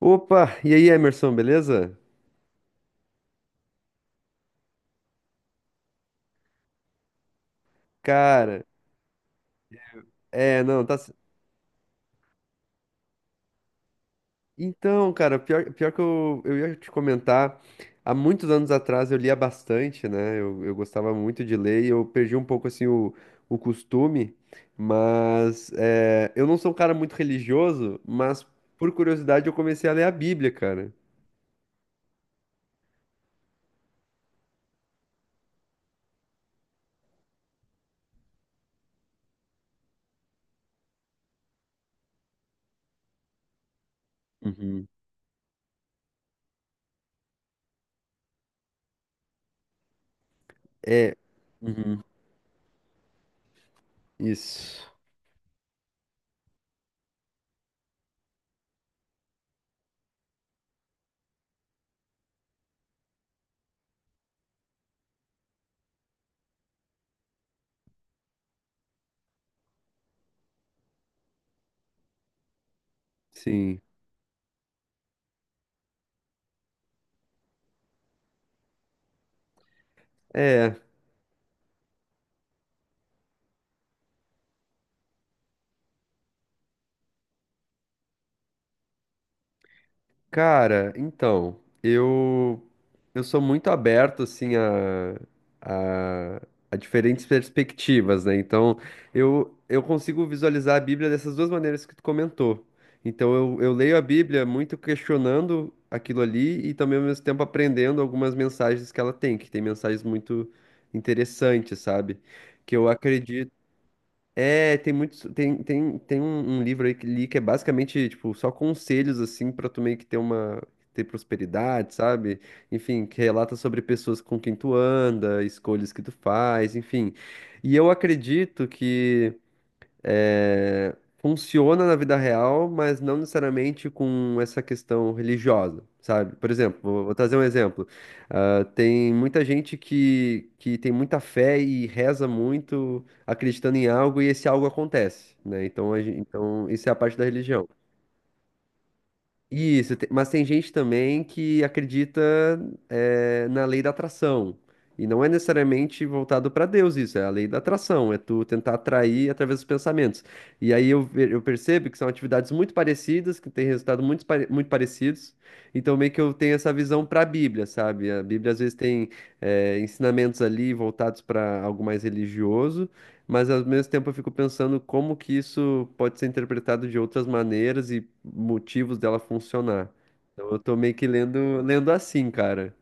Opa, e aí, Emerson, beleza? Cara, é, não, tá. Então, cara, pior que eu ia te comentar, há muitos anos atrás eu lia bastante, né? Eu gostava muito de ler e eu perdi um pouco, assim, o costume, mas eu não sou um cara muito religioso, mas por curiosidade eu comecei a ler a Bíblia, cara. Uhum. É, uhum, isso, sim. É. Cara, então, eu sou muito aberto assim a, a diferentes perspectivas, né? Então, eu consigo visualizar a Bíblia dessas duas maneiras que tu comentou. Então, eu leio a Bíblia muito questionando aquilo ali e também ao mesmo tempo aprendendo algumas mensagens que ela tem, que tem mensagens muito interessantes, sabe? Que eu acredito tem muitos, tem um livro aí que li que é basicamente, tipo, só conselhos, assim, pra tu meio que ter ter prosperidade, sabe? Enfim, que relata sobre pessoas com quem tu anda, escolhas que tu faz, enfim. E eu acredito que funciona na vida real, mas não necessariamente com essa questão religiosa, sabe? Por exemplo, vou trazer um exemplo. Ah, tem muita gente que tem muita fé e reza muito acreditando em algo e esse algo acontece, né? Então, então isso é a parte da religião. Isso, mas tem gente também que acredita, na lei da atração. E não é necessariamente voltado para Deus isso, é a lei da atração, é tu tentar atrair através dos pensamentos. E aí eu percebo que são atividades muito parecidas, que têm resultado muito parecidos. Então meio que eu tenho essa visão para a Bíblia, sabe? A Bíblia às vezes tem, ensinamentos ali voltados para algo mais religioso. Mas ao mesmo tempo eu fico pensando como que isso pode ser interpretado de outras maneiras e motivos dela funcionar. Então eu tô meio que lendo assim, cara.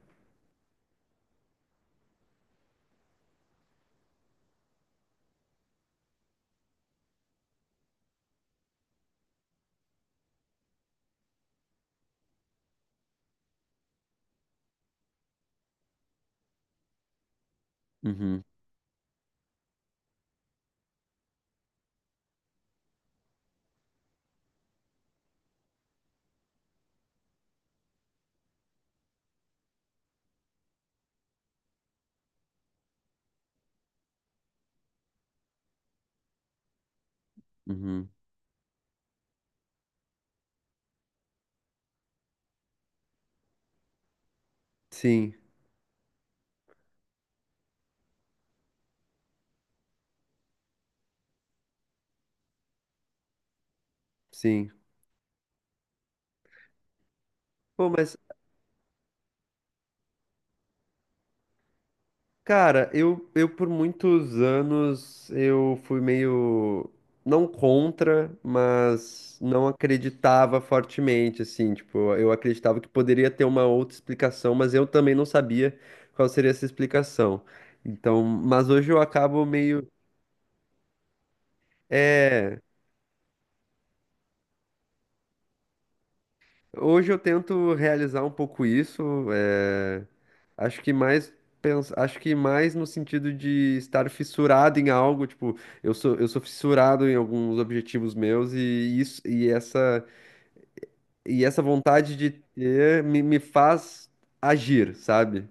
Uhum, uhum. Sim, sim. Pô, mas cara, eu por muitos anos eu fui meio não contra, mas não acreditava fortemente, assim, tipo, eu acreditava que poderia ter uma outra explicação, mas eu também não sabia qual seria essa explicação. Então, mas hoje eu acabo meio, é, hoje eu tento realizar um pouco isso, eh, acho que mais acho que mais no sentido de estar fissurado em algo, tipo, eu sou fissurado em alguns objetivos meus e isso e essa vontade de ter me faz agir, sabe?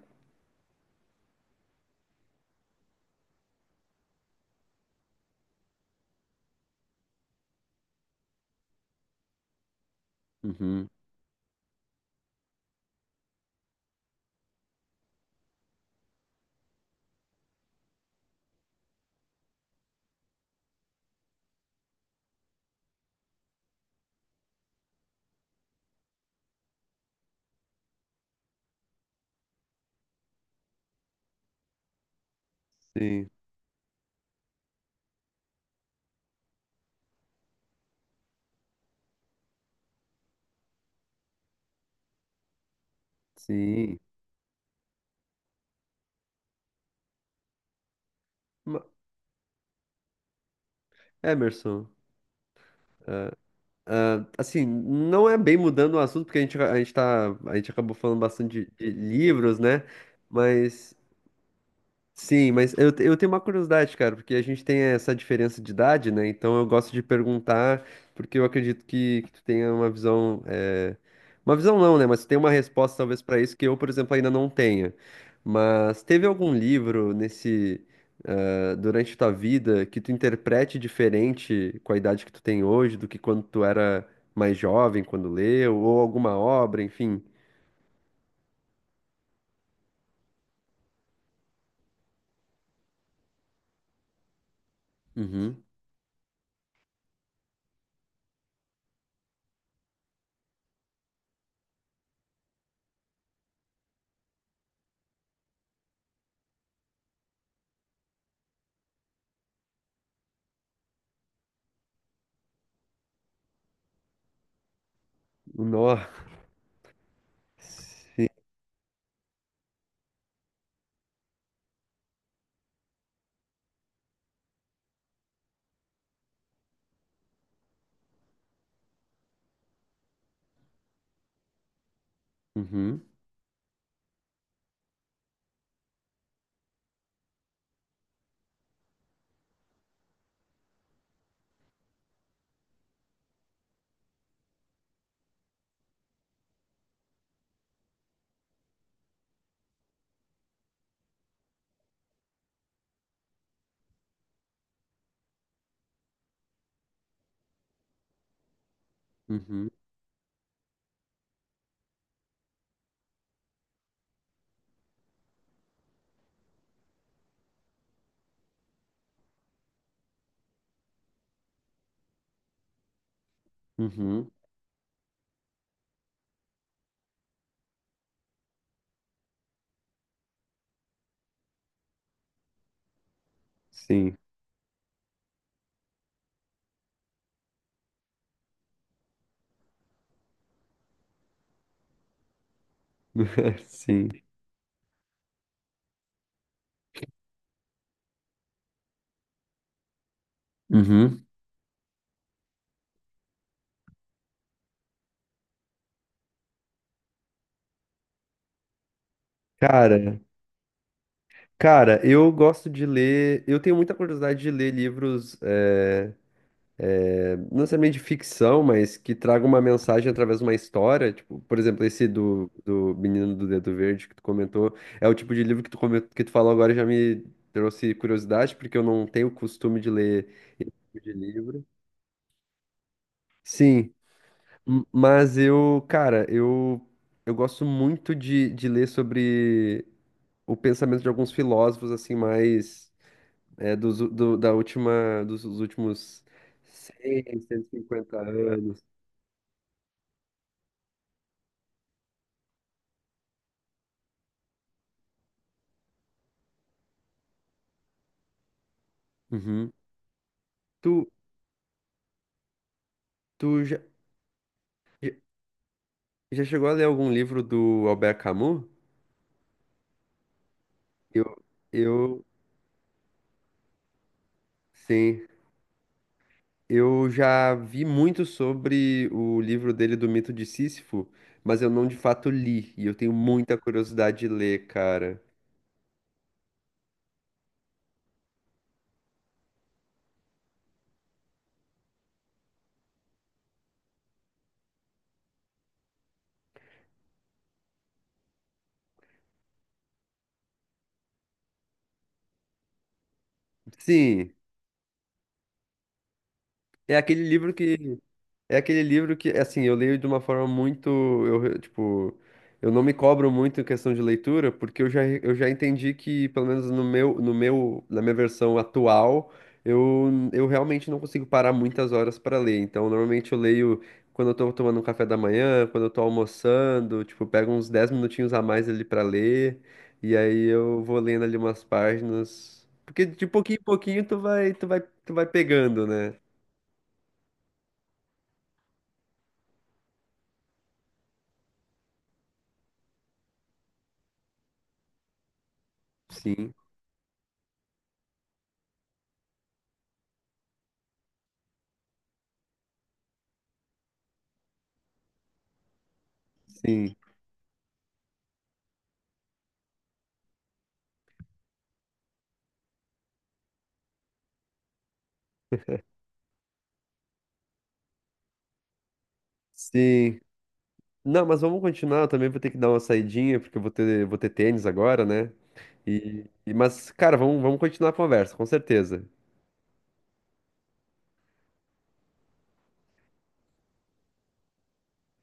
Uhum. Sim, sim. Ma- Emerson, ah, assim, não é bem mudando o assunto, porque a gente acabou falando bastante de livros, né? Mas Sim, mas eu tenho uma curiosidade, cara, porque a gente tem essa diferença de idade, né? Então eu gosto de perguntar, porque eu acredito que tu tenha uma visão. Uma visão não, né? Mas tu tem uma resposta talvez pra isso que eu, por exemplo, ainda não tenha. Mas teve algum livro durante tua vida que tu interprete diferente com a idade que tu tem hoje do que quando tu era mais jovem, quando leu, ou alguma obra, enfim. Uhum. Nó. Sim. Uhum. Uhum. Uhum. Sim. Sim. Uhum. Cara, cara, eu gosto de ler. Eu tenho muita curiosidade de ler livros, não necessariamente de ficção, mas que tragam uma mensagem através de uma história. Tipo, por exemplo, esse do Menino do Dedo Verde que tu comentou. É o tipo de livro que que tu falou agora e já me trouxe curiosidade, porque eu não tenho o costume de ler esse tipo de livro. Sim, mas eu, cara, eu gosto muito de ler sobre o pensamento de alguns filósofos assim mais dos, do- da última dos, dos últimos 150 anos. Uhum. Tu, tu já, já já chegou a ler algum livro do Albert Camus? Eu, eu, sim. Eu já vi muito sobre o livro dele do Mito de Sísifo, mas eu não de fato li, e eu tenho muita curiosidade de ler, cara. Sim, é aquele livro que é aquele livro que, assim, eu leio de uma forma muito, tipo, eu não me cobro muito em questão de leitura, porque eu já entendi que, pelo menos no meu, no meu, na minha versão atual, eu realmente não consigo parar muitas horas para ler. Então, normalmente eu leio quando eu tô tomando um café da manhã, quando eu tô almoçando, tipo, eu pego uns 10 minutinhos a mais ali para ler, e aí eu vou lendo ali umas páginas, porque de pouquinho em pouquinho tu vai pegando, né? Sim. Sim. Sim. Não, mas vamos continuar. Eu também vou ter que dar uma saidinha, porque vou ter tênis agora, né? Mas, cara, vamos continuar a conversa, com certeza.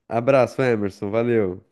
Abraço, Emerson. Valeu.